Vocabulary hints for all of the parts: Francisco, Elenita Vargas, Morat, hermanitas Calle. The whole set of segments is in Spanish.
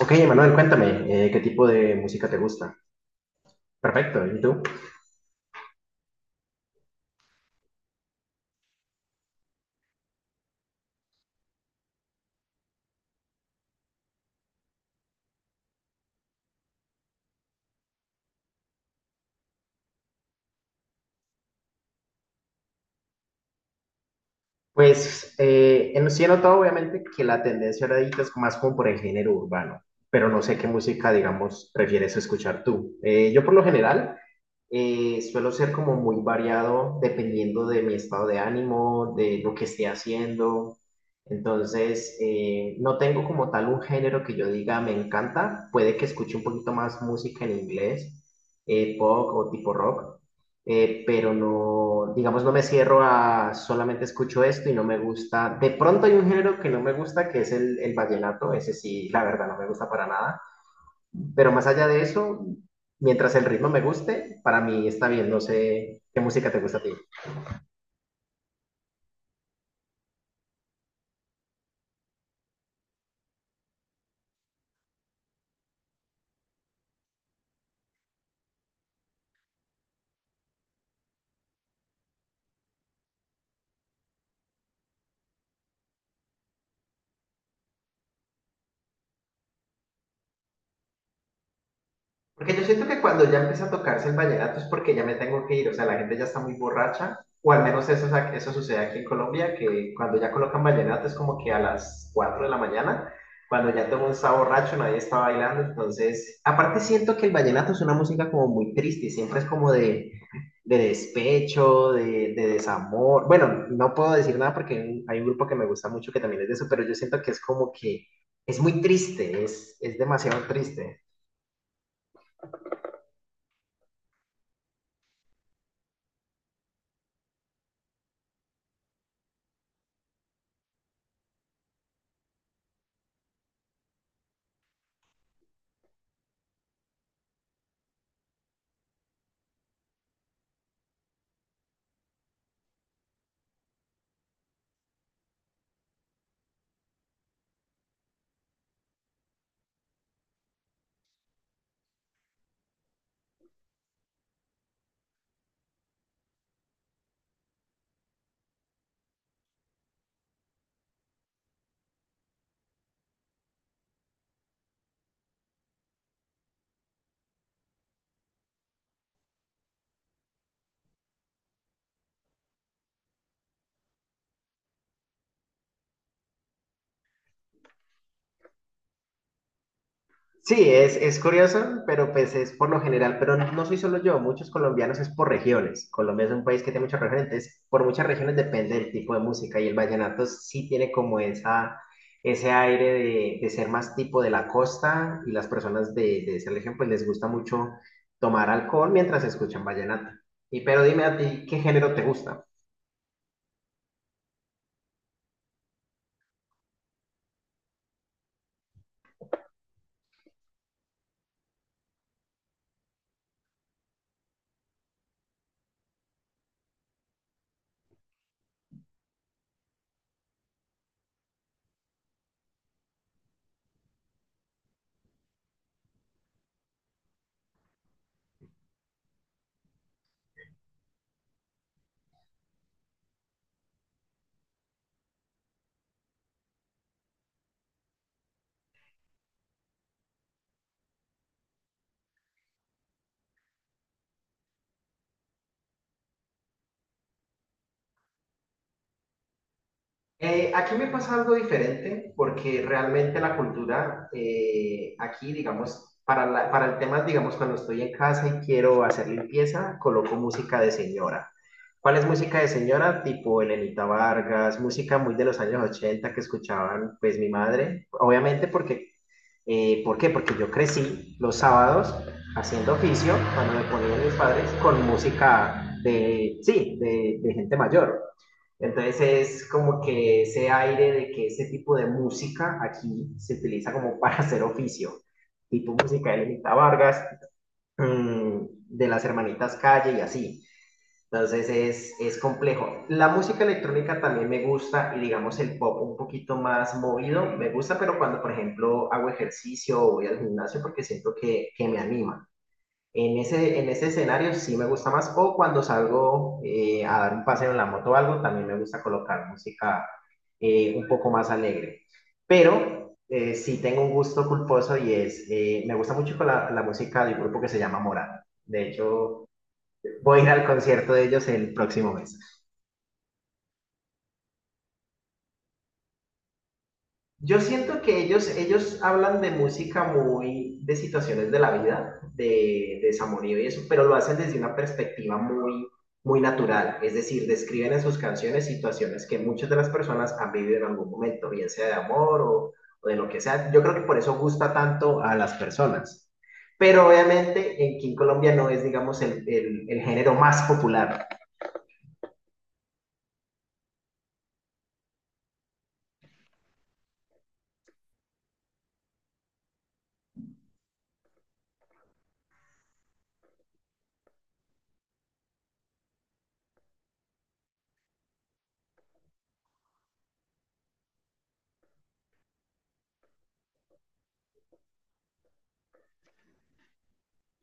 Ok, Manuel, cuéntame, ¿qué tipo de música te gusta? Perfecto, ¿y tú? Pues sí he notado obviamente que la tendencia ahorita es más como por el género urbano, pero no sé qué música, digamos, prefieres escuchar tú. Yo por lo general Suelo ser como muy variado dependiendo de mi estado de ánimo, de lo que esté haciendo. Entonces, no tengo como tal un género que yo diga me encanta. Puede que escuche un poquito más música en inglés, pop o tipo rock, pero no, digamos, no me cierro a solamente escucho esto y no me gusta. De pronto hay un género que no me gusta, que es el vallenato. Ese sí, la verdad, no me gusta para nada. Pero más allá de eso, mientras el ritmo me guste, para mí está bien. No sé qué música te gusta a ti. Porque yo siento que cuando ya empieza a tocarse el vallenato es porque ya me tengo que ir. O sea, la gente ya está muy borracha. O al menos eso, eso sucede aquí en Colombia, que cuando ya colocan vallenato es como que a las 4 de la mañana, cuando ya todo el mundo está borracho, nadie está bailando. Entonces, aparte siento que el vallenato es una música como muy triste. Siempre es como de despecho, de desamor. Bueno, no puedo decir nada porque hay un grupo que me gusta mucho que también es de eso, pero yo siento que es como que es muy triste, es demasiado triste. Sí, es curioso, pero pues es por lo general, pero no soy solo yo, muchos colombianos es por regiones. Colombia es un país que tiene muchas regiones, entonces por muchas regiones depende del tipo de música y el vallenato sí tiene como ese aire de ser más tipo de la costa y las personas de esa región pues les gusta mucho tomar alcohol mientras escuchan vallenato. Y pero dime a ti, ¿qué género te gusta? Aquí me pasa algo diferente porque realmente la cultura aquí, digamos, para el tema, digamos, cuando estoy en casa y quiero hacer limpieza, coloco música de señora. ¿Cuál es música de señora? Tipo Elenita Vargas, música muy de los años 80 que escuchaban pues mi madre, obviamente porque ¿por qué? Porque yo crecí los sábados haciendo oficio, cuando me ponían mis padres, con música de, sí, de gente mayor. Entonces es como que ese aire de que ese tipo de música aquí se utiliza como para hacer oficio, tipo música de Lenita Vargas, mmm, de las hermanitas Calle y así. Entonces es complejo. La música electrónica también me gusta y digamos el pop un poquito más movido me gusta, pero cuando por ejemplo hago ejercicio o voy al gimnasio porque siento que me anima. En ese escenario sí me gusta más o cuando salgo a dar un paseo en la moto o algo, también me gusta colocar música un poco más alegre. Pero sí tengo un gusto culposo y me gusta mucho la música del grupo que se llama Morat. De hecho, voy a ir al concierto de ellos el próximo mes. Yo siento que ellos hablan de música muy, de situaciones de la vida, de desamorío y eso, pero lo hacen desde una perspectiva muy, muy natural. Es decir, describen en sus canciones situaciones que muchas de las personas han vivido en algún momento, bien sea de amor o de lo que sea. Yo creo que por eso gusta tanto a las personas. Pero obviamente aquí en Colombia no es, digamos, el género más popular.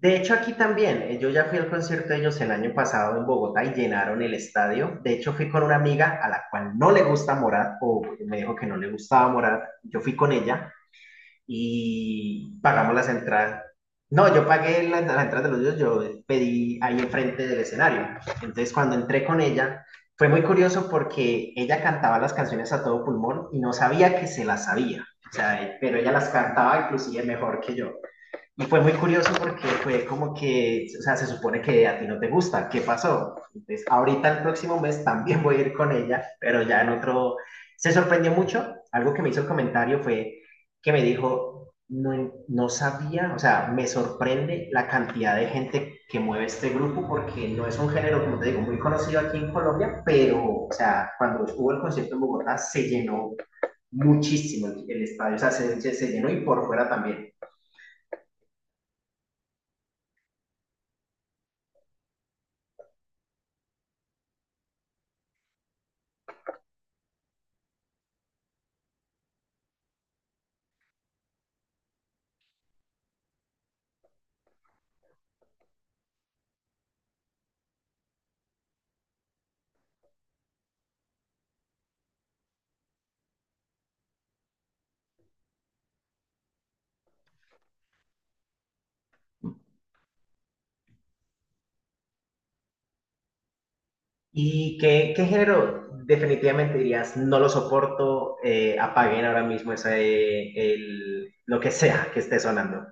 De hecho, aquí también, yo ya fui al concierto de ellos el año pasado en Bogotá y llenaron el estadio. De hecho, fui con una amiga a la cual no le gusta Morat, o me dijo que no le gustaba Morat. Yo fui con ella y pagamos las entradas. No, yo pagué las entradas de los dos, yo pedí ahí enfrente del escenario. Entonces, cuando entré con ella, fue muy curioso porque ella cantaba las canciones a todo pulmón y no sabía que se las sabía. O sea, pero ella las cantaba inclusive mejor que yo. Y fue muy curioso porque fue como que, o sea, se supone que a ti no te gusta, ¿qué pasó? Entonces, ahorita el próximo mes también voy a ir con ella, pero ya en otro... Se sorprendió mucho, algo que me hizo el comentario fue que me dijo, no, no sabía, o sea, me sorprende la cantidad de gente que mueve este grupo porque no es un género, como te digo, muy conocido aquí en Colombia, pero, o sea, cuando hubo el concierto en Bogotá se llenó muchísimo el estadio, o sea, se llenó y por fuera también. ¿Y qué género definitivamente dirías, no lo soporto, apaguen ahora mismo ese, el, lo que sea que esté sonando?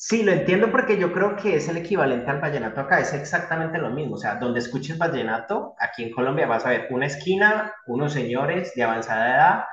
Sí, lo entiendo porque yo creo que es el equivalente al vallenato acá, es exactamente lo mismo. O sea, donde escuches vallenato, aquí en Colombia vas a ver una esquina, unos señores de avanzada edad,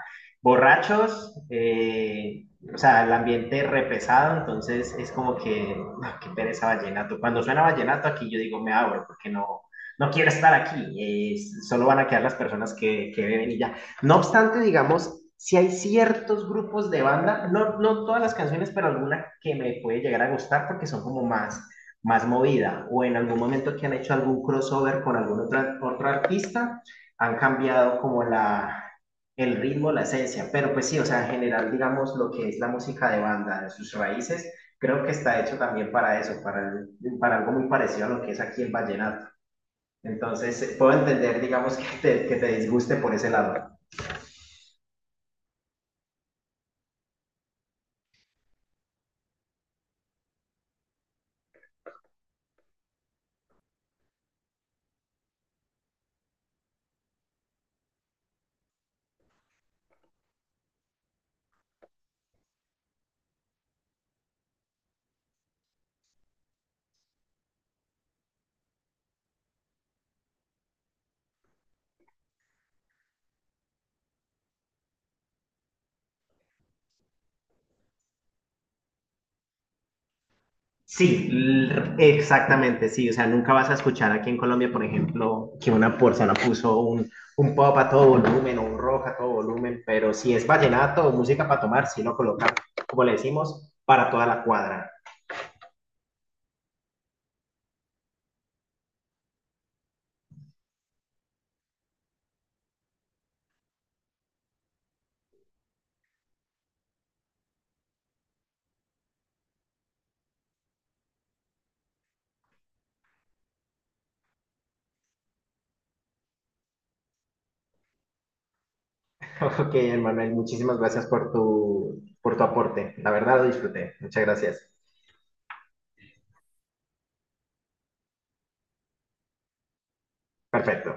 borrachos, o sea, el ambiente repesado, entonces es como que, ah, qué pereza vallenato. Cuando suena vallenato aquí yo digo, me abro porque no quiero estar aquí, solo van a quedar las personas que beben y ya. No obstante, digamos, si hay ciertos grupos de banda, no, no todas las canciones, pero alguna que me puede llegar a gustar porque son como más, más movida o en algún momento que han hecho algún crossover con algún otro artista, han cambiado como el ritmo, la esencia, pero pues sí, o sea, en general, digamos, lo que es la música de banda, de sus raíces, creo que está hecho también para eso, para algo muy parecido a lo que es aquí el vallenato. Entonces, puedo entender, digamos, que te disguste por ese lado. Sí, exactamente, sí. O sea, nunca vas a escuchar aquí en Colombia, por ejemplo, que una persona puso un pop a todo volumen o un rock a todo volumen, pero si es vallenato o música para tomar, sí lo colocan, como le decimos, para toda la cuadra. Ok, Manuel, muchísimas gracias por tu aporte. La verdad lo disfruté. Muchas gracias. Perfecto.